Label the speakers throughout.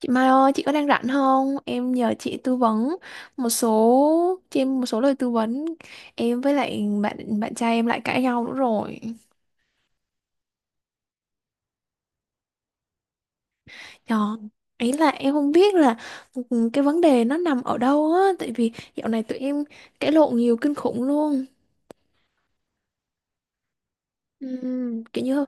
Speaker 1: Chị Mai ơi, chị có đang rảnh không? Em nhờ chị tư vấn một số cho em một số lời tư vấn. Em với lại bạn bạn trai em lại cãi nhau nữa rồi. Đó. Ấy là em không biết là cái vấn đề nó nằm ở đâu á, tại vì dạo này tụi em cãi lộn nhiều kinh khủng luôn. Kiểu như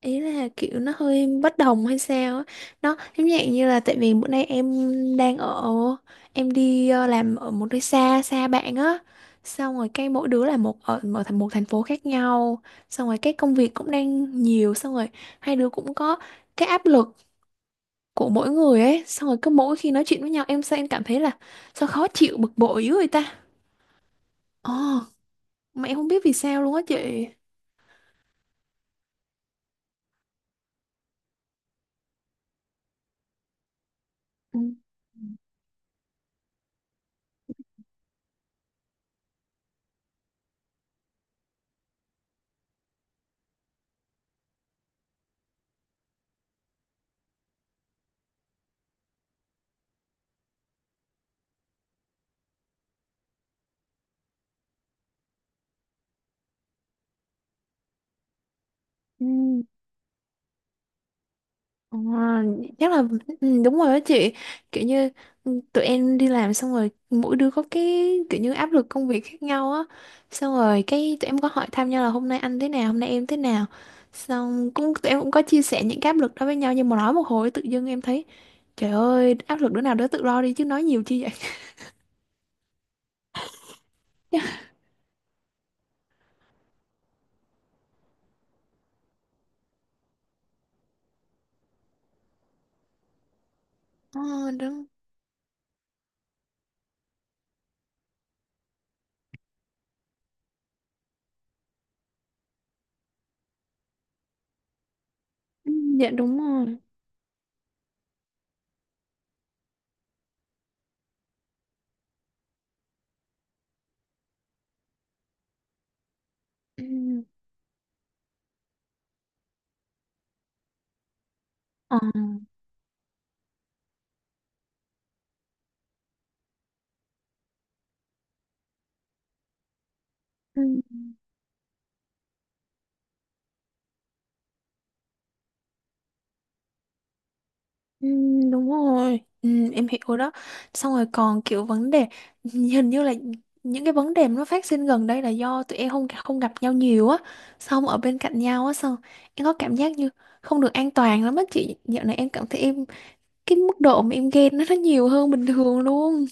Speaker 1: ý là kiểu nó hơi bất đồng hay sao á, nó giống dạng như là tại vì bữa nay em đang ở em đi làm ở một nơi xa xa bạn á, xong rồi cái mỗi đứa là một thành phố khác nhau, xong rồi cái công việc cũng đang nhiều, xong rồi hai đứa cũng có cái áp lực của mỗi người ấy, xong rồi cứ mỗi khi nói chuyện với nhau em sao em cảm thấy là sao khó chịu bực bội dữ vậy ta. ồ mà em không biết vì sao luôn á chị. Ừ. Ừ. Ờ, chắc là ừ, đúng rồi đó chị, kiểu như ừ, tụi em đi làm xong rồi mỗi đứa có cái kiểu như áp lực công việc khác nhau á, xong rồi cái tụi em có hỏi thăm nhau là hôm nay anh thế nào hôm nay em thế nào, xong cũng tụi em có chia sẻ những cái áp lực đó với nhau nhưng mà nói một hồi tự dưng em thấy trời ơi áp lực đứa nào đứa tự lo đi chứ nói nhiều chi vậy. Ờ, đúng. Ừ, Dạ đúng rồi. Ừ. Ờ. Ừ. Ừ, đúng rồi, ừ, em hiểu đó. Xong rồi còn kiểu vấn đề hình như là những cái vấn đề mà nó phát sinh gần đây là do tụi em không không gặp nhau nhiều á, xong ở bên cạnh nhau á, xong em có cảm giác như không được an toàn lắm á chị, dạo này em cảm thấy em cái mức độ mà em ghen nó nhiều hơn bình thường luôn.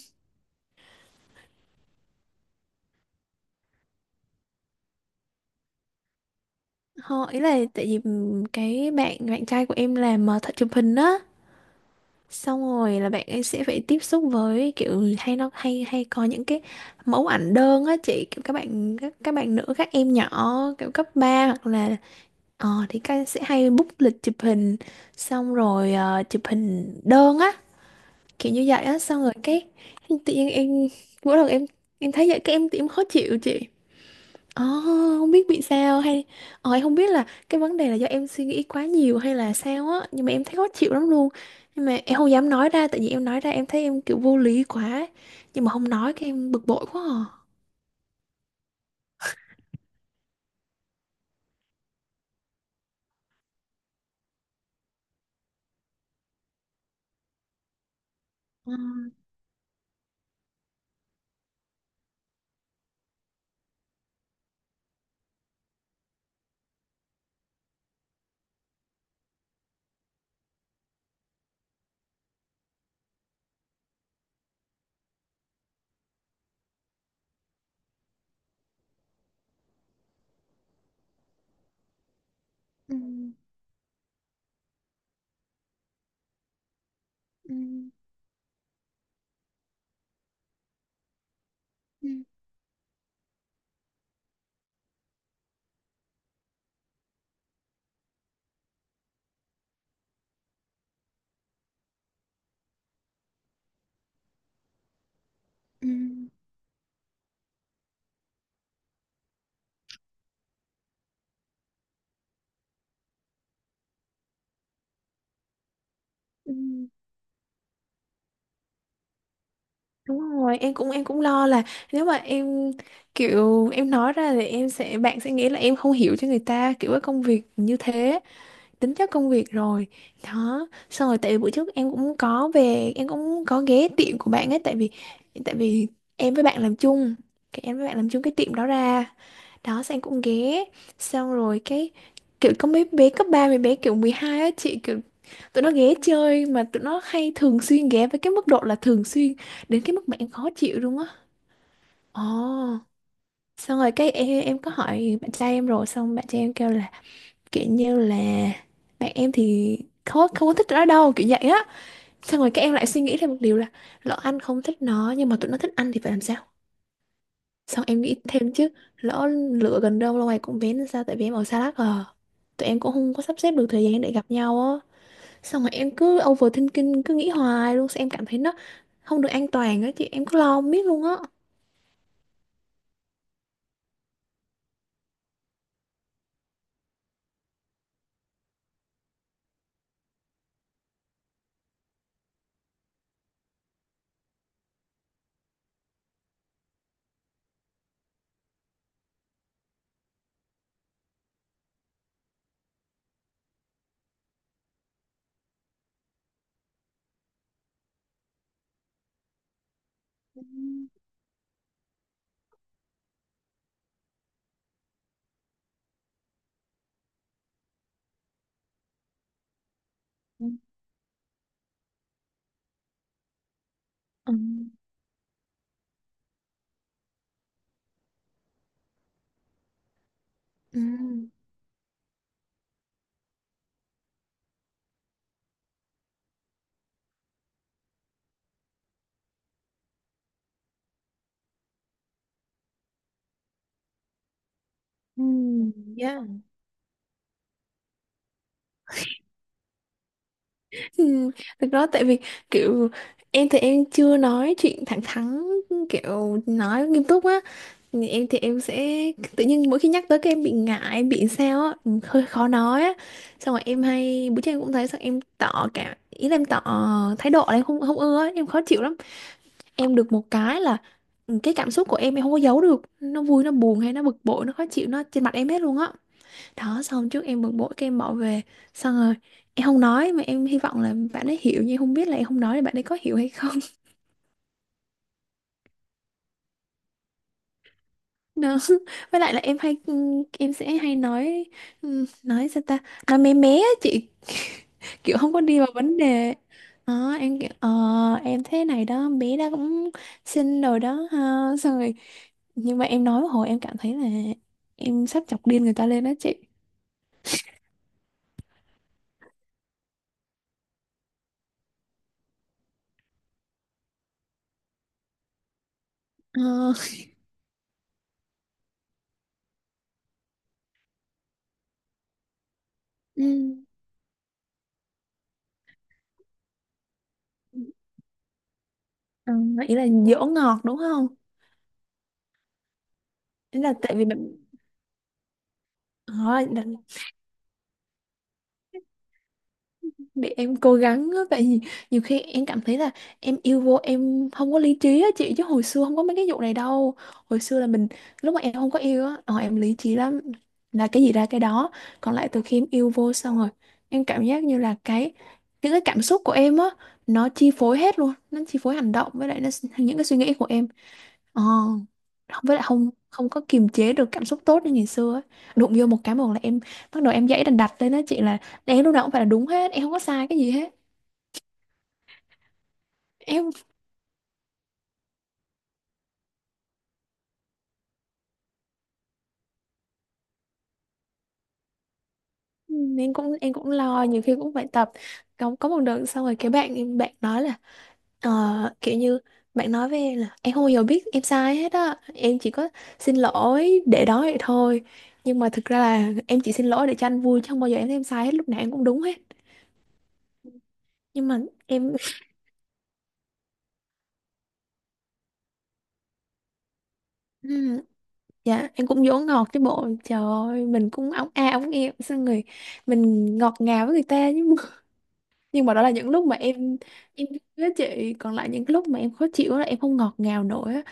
Speaker 1: Ý là tại vì cái bạn bạn trai của em làm thợ chụp hình á, xong rồi là bạn ấy sẽ phải tiếp xúc với kiểu hay nó hay hay có những cái mẫu ảnh đơn á chị, kiểu các bạn nữ, các em nhỏ kiểu cấp 3 hoặc là ờ thì các sẽ hay book lịch chụp hình, xong rồi ờ, chụp hình đơn á, kiểu như vậy á, xong rồi cái tự nhiên em mỗi lần em thấy vậy cái em khó chịu chị. Ồ, Không biết bị sao hay ờ, em không biết là cái vấn đề là do em suy nghĩ quá nhiều hay là sao á nhưng mà em thấy khó chịu lắm luôn, nhưng mà em không dám nói ra tại vì em nói ra em thấy em kiểu vô lý quá, nhưng mà không nói cái em bực bội quá à. Ờ, ừ, ừ, ừ, ừ, Ừ, Đúng rồi, em cũng lo là nếu mà em kiểu em nói ra thì em sẽ bạn sẽ nghĩ là em không hiểu cho người ta kiểu cái công việc như thế, tính chất công việc rồi. Đó xong rồi tại vì bữa trước em cũng có về em cũng có ghé tiệm của bạn ấy, tại vì em với bạn làm chung cái em với bạn làm chung cái tiệm đó ra, đó xong em cũng ghé, xong rồi cái kiểu có mấy bé cấp 3 mấy bé kiểu 12 á chị, kiểu tụi nó ghé chơi mà tụi nó hay thường xuyên ghé với cái mức độ là thường xuyên đến cái mức mà em khó chịu luôn á. ồ Xong rồi cái em có hỏi bạn trai em rồi xong bạn trai em kêu là kiểu như là bạn em thì không không có thích nó đâu kiểu vậy á, xong rồi các em lại suy nghĩ thêm một điều là lỡ anh không thích nó nhưng mà tụi nó thích anh thì phải làm sao, xong em nghĩ thêm chứ lỡ lựa gần đâu lâu ngày cũng bén làm sao, tại vì em ở xa lắc à, tụi em cũng không có sắp xếp được thời gian để gặp nhau á, xong rồi em cứ overthinking cứ nghĩ hoài luôn, xong em cảm thấy nó không được an toàn á chị, em cứ lo không biết luôn á. Ừ. Ừ. Ừ. Ừ. Ừ. Ừ, thực ra tại vì kiểu em thì em chưa nói chuyện thẳng thắn kiểu nói nghiêm túc á. Thì em thì Em sẽ tự nhiên mỗi khi nhắc tới cái em bị ngại em bị sao á, ừ, hơi khó nói á, xong rồi em hay bữa trước em cũng thấy xong em tỏ cả ý là em tỏ thái độ là em không không ưa á, em khó chịu lắm. Em được một cái là ừ, cái cảm xúc của em không có giấu được, nó vui nó buồn hay nó bực bội nó khó chịu nó trên mặt em hết luôn á. Đó xong trước em bực bội cái em bỏ về xong rồi em không nói mà em hy vọng là bạn ấy hiểu nhưng em không biết là em không nói là bạn ấy có hiểu hay không. Đó, với lại là em hay em sẽ hay nói, nói sao ta, nói mé mé á chị, kiểu không có đi vào vấn đề. Đó em kiểu ờ em thế này đó bé đó cũng xinh rồi đó ha, xong rồi nhưng mà em nói một hồi em cảm thấy là em sắp chọc điên người ta lên đó chị. Ờ, ừ. Ờ, ý là dỗ ngọt đúng không? Ý là tại vì bạn Đó, đ- để em cố gắng á, tại vì nhiều khi em cảm thấy là em yêu vô em không có lý trí á chị, chứ hồi xưa không có mấy cái vụ này đâu, hồi xưa là mình lúc mà em không có yêu á ờ, em lý trí lắm, là cái gì ra cái đó, còn lại từ khi em yêu vô xong rồi em cảm giác như là cái những cái cảm xúc của em á nó chi phối hết luôn, nó chi phối hành động với lại nó, những cái suy nghĩ của em. Ờ, không với lại không không có kiềm chế được cảm xúc tốt như ngày xưa ấy. Đụng vô một cái một là em bắt đầu em dãy đành đặt lên đó chị, là em lúc nào cũng phải là đúng hết em không có sai cái gì hết. em em cũng lo, nhiều khi cũng phải tập, có một đợt xong rồi cái bạn nói là ờ, kiểu như bạn nói với em là em không bao giờ biết em sai hết á, em chỉ có xin lỗi để đó vậy thôi, nhưng mà thực ra là em chỉ xin lỗi để cho anh vui chứ không bao giờ em thấy em sai hết, lúc nào em cũng đúng hết nhưng mà em. Dạ, em cũng dỗ ngọt chứ bộ. Trời ơi, mình cũng ống a ống em xong rồi mình ngọt ngào với người ta nhưng mà, nhưng mà đó là những lúc mà em với chị, còn lại những lúc mà em khó chịu là em không ngọt ngào nổi á.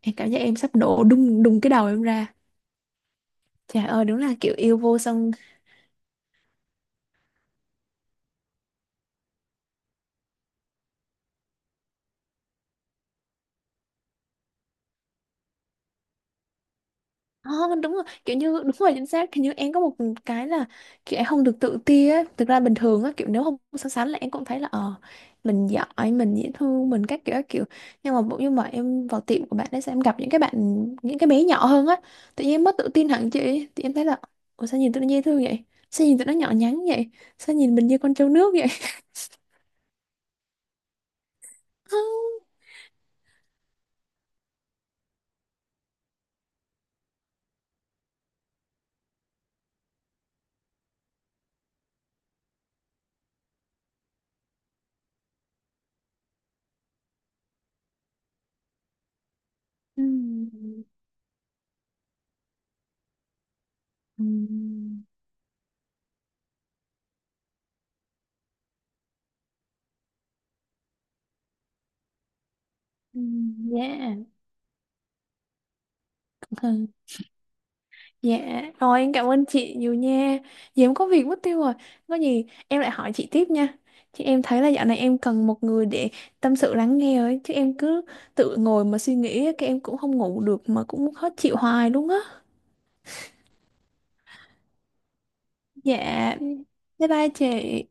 Speaker 1: Em cảm giác em sắp nổ đùng đùng cái đầu em ra. Trời ơi, đúng là kiểu yêu vô song. Không, đúng rồi, kiểu như đúng rồi chính xác, kiểu như em có một cái là kiểu em không được tự ti á, thực ra bình thường á kiểu nếu không so sánh là em cũng thấy là ờ mình giỏi mình dễ thương mình các kiểu các kiểu, nhưng mà em vào tiệm của bạn ấy sẽ em gặp những cái bạn những cái bé nhỏ hơn á, tự nhiên em mất tự tin hẳn chị, thì em thấy là ủa sao nhìn tụi nó dễ thương vậy, sao nhìn tụi nó nhỏ nhắn vậy, sao nhìn mình như con trâu nước vậy. Ừm, ừm, Yeah. Dạ, rồi em cảm ơn chị nhiều nha. Giờ em có việc mất tiêu rồi. Có gì em lại hỏi chị tiếp nha. Chứ em thấy là dạo này em cần một người để tâm sự lắng nghe ấy. Chứ em cứ tự ngồi mà suy nghĩ, cái em cũng không ngủ được mà cũng khó chịu hoài luôn á. Dạ, bye bye chị.